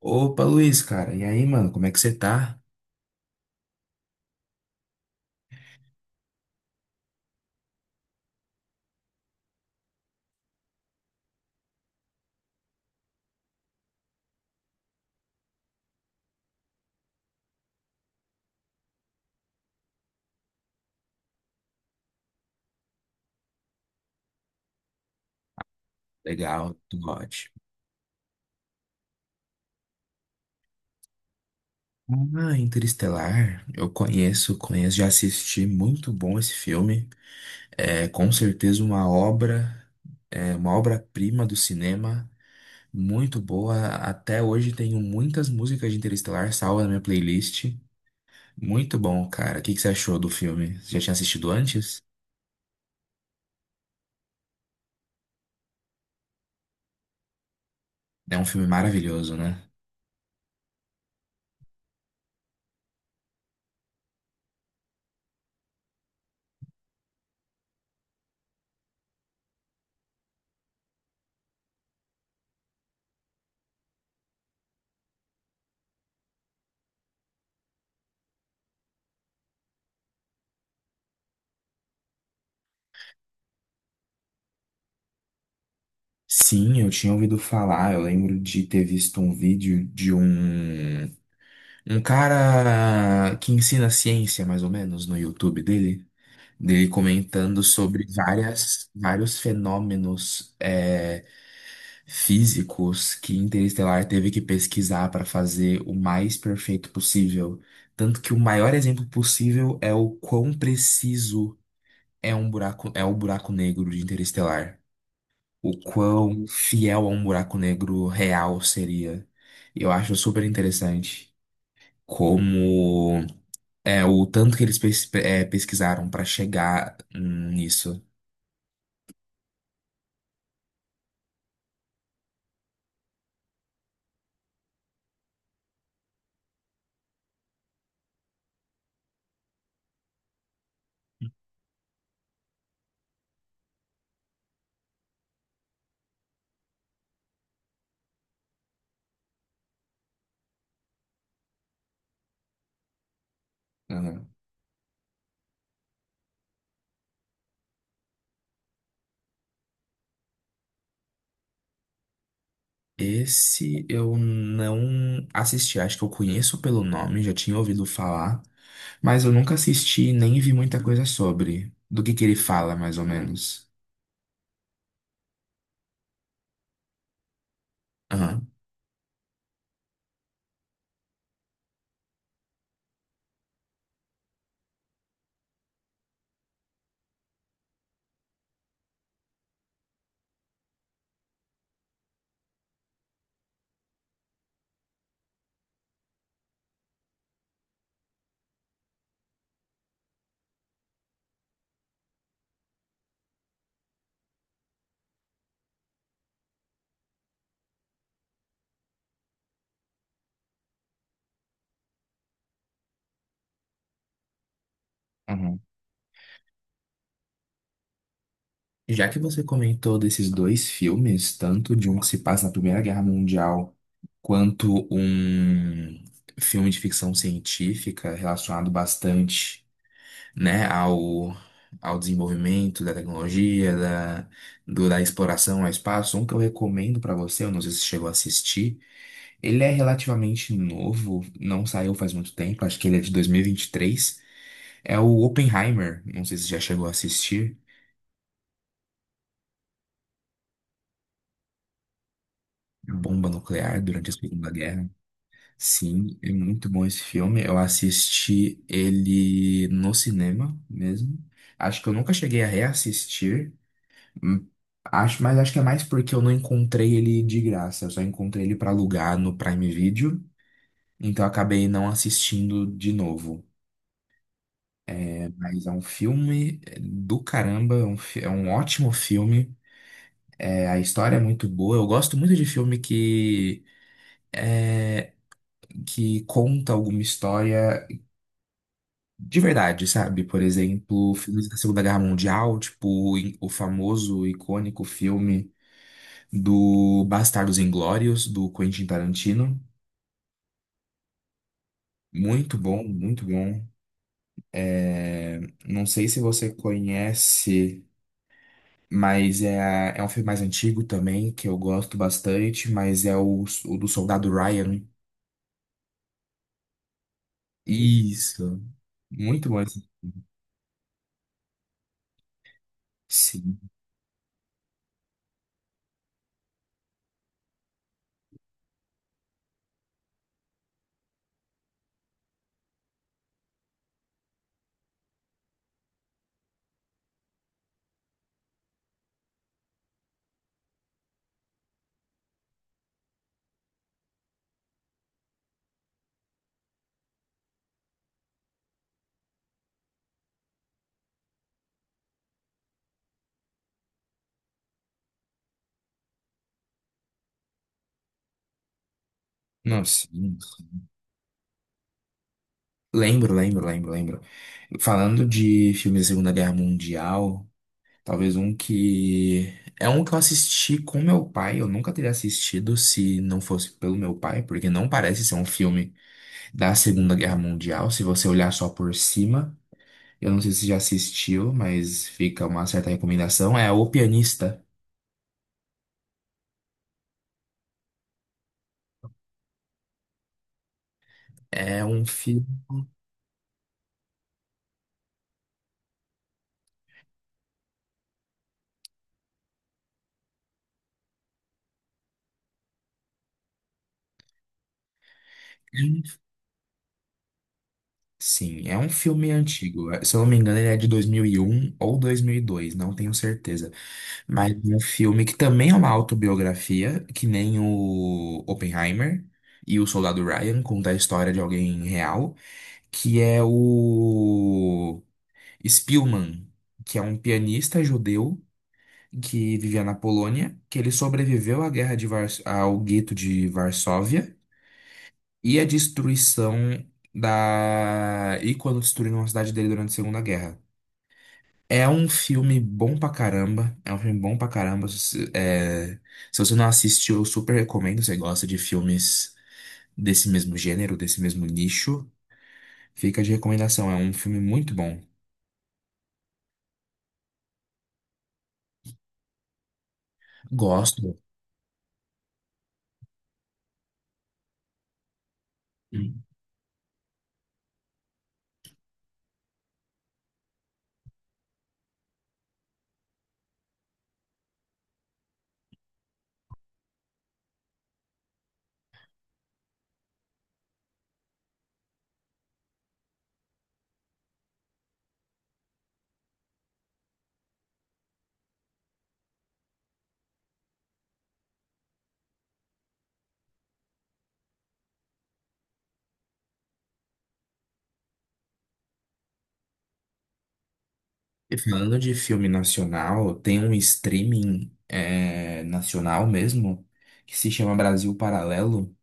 Opa, Luiz, cara. E aí, mano, como é que você tá? Legal, tudo ótimo. Ah, Interestelar, eu conheço, já assisti, muito bom esse filme. É com certeza uma obra, é uma obra-prima do cinema, muito boa. Até hoje tenho muitas músicas de Interestelar salvas na minha playlist. Muito bom, cara. O que que você achou do filme? Você já tinha assistido antes? É um filme maravilhoso, né? Sim, eu tinha ouvido falar. Eu lembro de ter visto um vídeo de um cara que ensina ciência, mais ou menos, no YouTube dele, dele comentando sobre vários fenômenos físicos que Interestelar teve que pesquisar para fazer o mais perfeito possível. Tanto que o maior exemplo possível é o quão preciso é um buraco, é o buraco negro de Interestelar. O quão fiel a um buraco negro real seria. Eu acho super interessante como o tanto que eles pesquisaram pra chegar nisso. Uhum. Esse eu não assisti, acho que eu conheço pelo nome, já tinha ouvido falar, mas eu nunca assisti nem vi muita coisa sobre. Do que ele fala, mais ou menos. Aham. Uhum. Já que você comentou desses dois filmes, tanto de um que se passa na Primeira Guerra Mundial, quanto um filme de ficção científica relacionado bastante, né, ao desenvolvimento da tecnologia, da exploração ao espaço. Um que eu recomendo para você, eu não sei se você chegou a assistir, ele é relativamente novo, não saiu faz muito tempo, acho que ele é de 2023. É o Oppenheimer, não sei se você já chegou a assistir. Bomba nuclear durante a Segunda Guerra. Sim, é muito bom esse filme. Eu assisti ele no cinema mesmo. Acho que eu nunca cheguei a reassistir. Hum. Acho, mas acho que é mais porque eu não encontrei ele de graça. Eu só encontrei ele pra alugar no Prime Video. Então eu acabei não assistindo de novo. É, mas é um filme do caramba. É um, é um ótimo filme. É, a história é muito boa. Eu gosto muito de filme que conta alguma história de verdade, sabe? Por exemplo, filmes da Segunda Guerra Mundial, tipo o famoso, icônico filme do Bastardos Inglórios, do Quentin Tarantino. Muito bom, muito bom. É, não sei se você conhece, mas é, é um filme mais antigo também, que eu gosto bastante, mas é o do Soldado Ryan. Isso. Muito bom esse. Sim. Não, sim. Lembro, lembro, lembro, lembro. Falando de filmes da Segunda Guerra Mundial, talvez um que. É um que eu assisti com meu pai. Eu nunca teria assistido se não fosse pelo meu pai, porque não parece ser um filme da Segunda Guerra Mundial, se você olhar só por cima. Eu não sei se você já assistiu, mas fica uma certa recomendação. É O Pianista. É um filme. Sim, é um filme antigo. Se eu não me engano, ele é de 2001 ou 2002, não tenho certeza. Mas é um filme que também é uma autobiografia, que nem o Oppenheimer e o Soldado Ryan, conta a história de alguém real, que é o Spielman, que é um pianista judeu que vivia na Polônia, que ele sobreviveu à ao gueto de Varsóvia e à destruição da e quando destruíram a cidade dele durante a Segunda Guerra. É um filme bom pra caramba. É um filme bom pra caramba. Se você não assistiu, eu super recomendo. Se você gosta de filmes desse mesmo gênero, desse mesmo nicho, fica de recomendação. É um filme muito bom. Gosto. E falando de filme nacional, tem um streaming nacional mesmo que se chama Brasil Paralelo.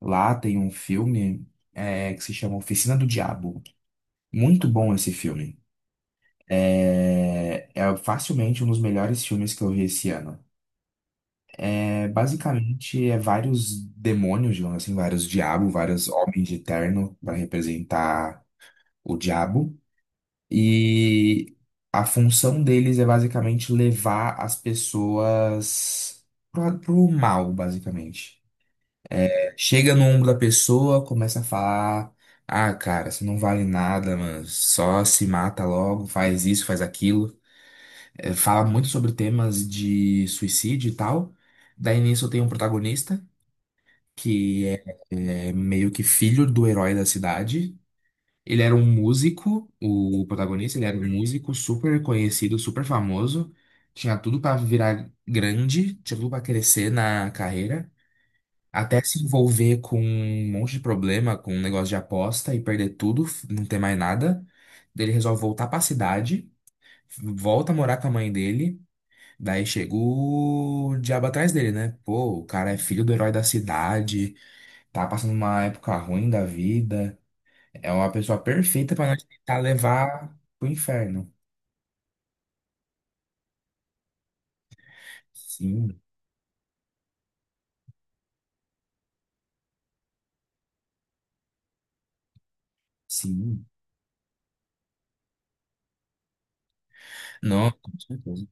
Lá tem um filme que se chama Oficina do Diabo. Muito bom esse filme. É facilmente um dos melhores filmes que eu vi esse ano. É, basicamente, é vários demônios, digamos assim, vários diabos, vários homens de terno para representar o diabo. E a função deles é basicamente levar as pessoas pro mal, basicamente. Chega no ombro da pessoa, começa a falar: Ah, cara, você não vale nada, mano. Só se mata logo, faz isso, faz aquilo. É, fala muito sobre temas de suicídio e tal. Daí nisso tem um protagonista que é meio que filho do herói da cidade. Ele era um músico, o protagonista, ele era um músico super conhecido, super famoso, tinha tudo pra virar grande, tinha tudo pra crescer na carreira, até se envolver com um monte de problema, com um negócio de aposta e perder tudo, não ter mais nada. Daí ele resolve voltar pra cidade, volta a morar com a mãe dele, daí chega o diabo atrás dele, né? Pô, o cara é filho do herói da cidade, tá passando uma época ruim da vida. É uma pessoa perfeita para nós tentar levar pro inferno. Sim, sim. Não, com certeza.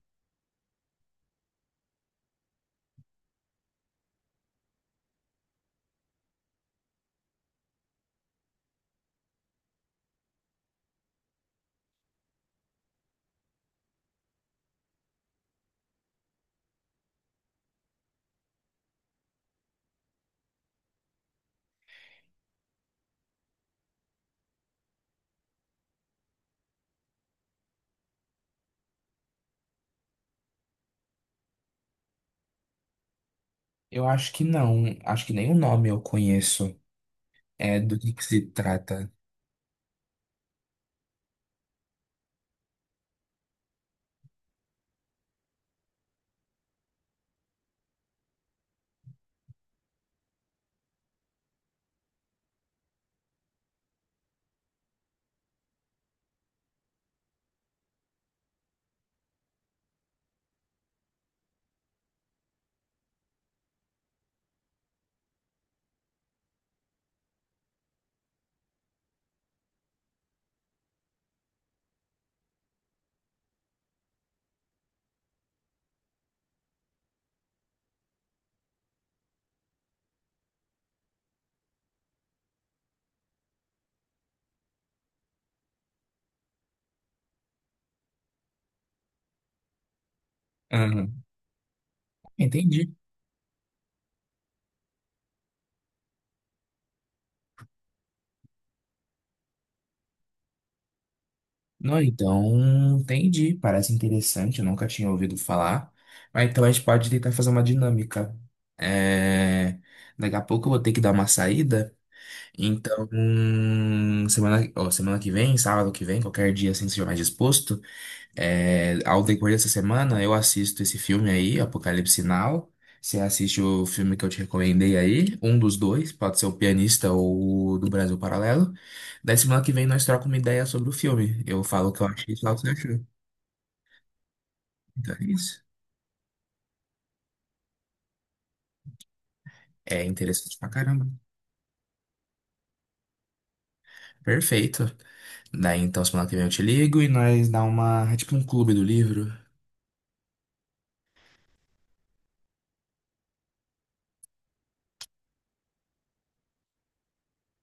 Eu acho que não. Acho que nem o nome eu conheço. É do que se trata. Aham. Entendi. Não, então, entendi. Parece interessante, eu nunca tinha ouvido falar. Mas então a gente pode tentar fazer uma dinâmica. É, Daqui a pouco eu vou ter que dar uma saída. Então, semana que vem, sábado que vem, qualquer dia assim, se estiver mais disposto. É, ao decorrer dessa semana, eu assisto esse filme aí, Apocalipse Now. Você assiste o filme que eu te recomendei aí, um dos dois, pode ser o Pianista ou o do Brasil Paralelo. Daí semana que vem nós trocamos uma ideia sobre o filme. Eu falo o que eu achei e falo o que você achou. Então é isso. É interessante pra caramba. Perfeito. Daí então semana que vem eu te ligo e nós dá uma, é tipo um clube do livro.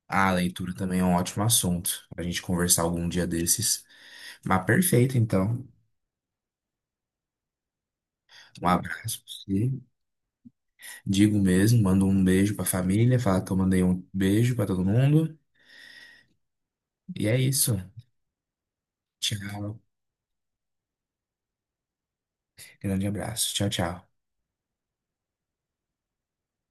Ah, a leitura também é um ótimo assunto pra gente conversar algum dia desses. Mas perfeito, então. Um abraço pra você. Digo mesmo, mando um beijo pra família, fala que eu mandei um beijo pra todo mundo. E é isso. Tchau. Grande abraço. Tchau, tchau.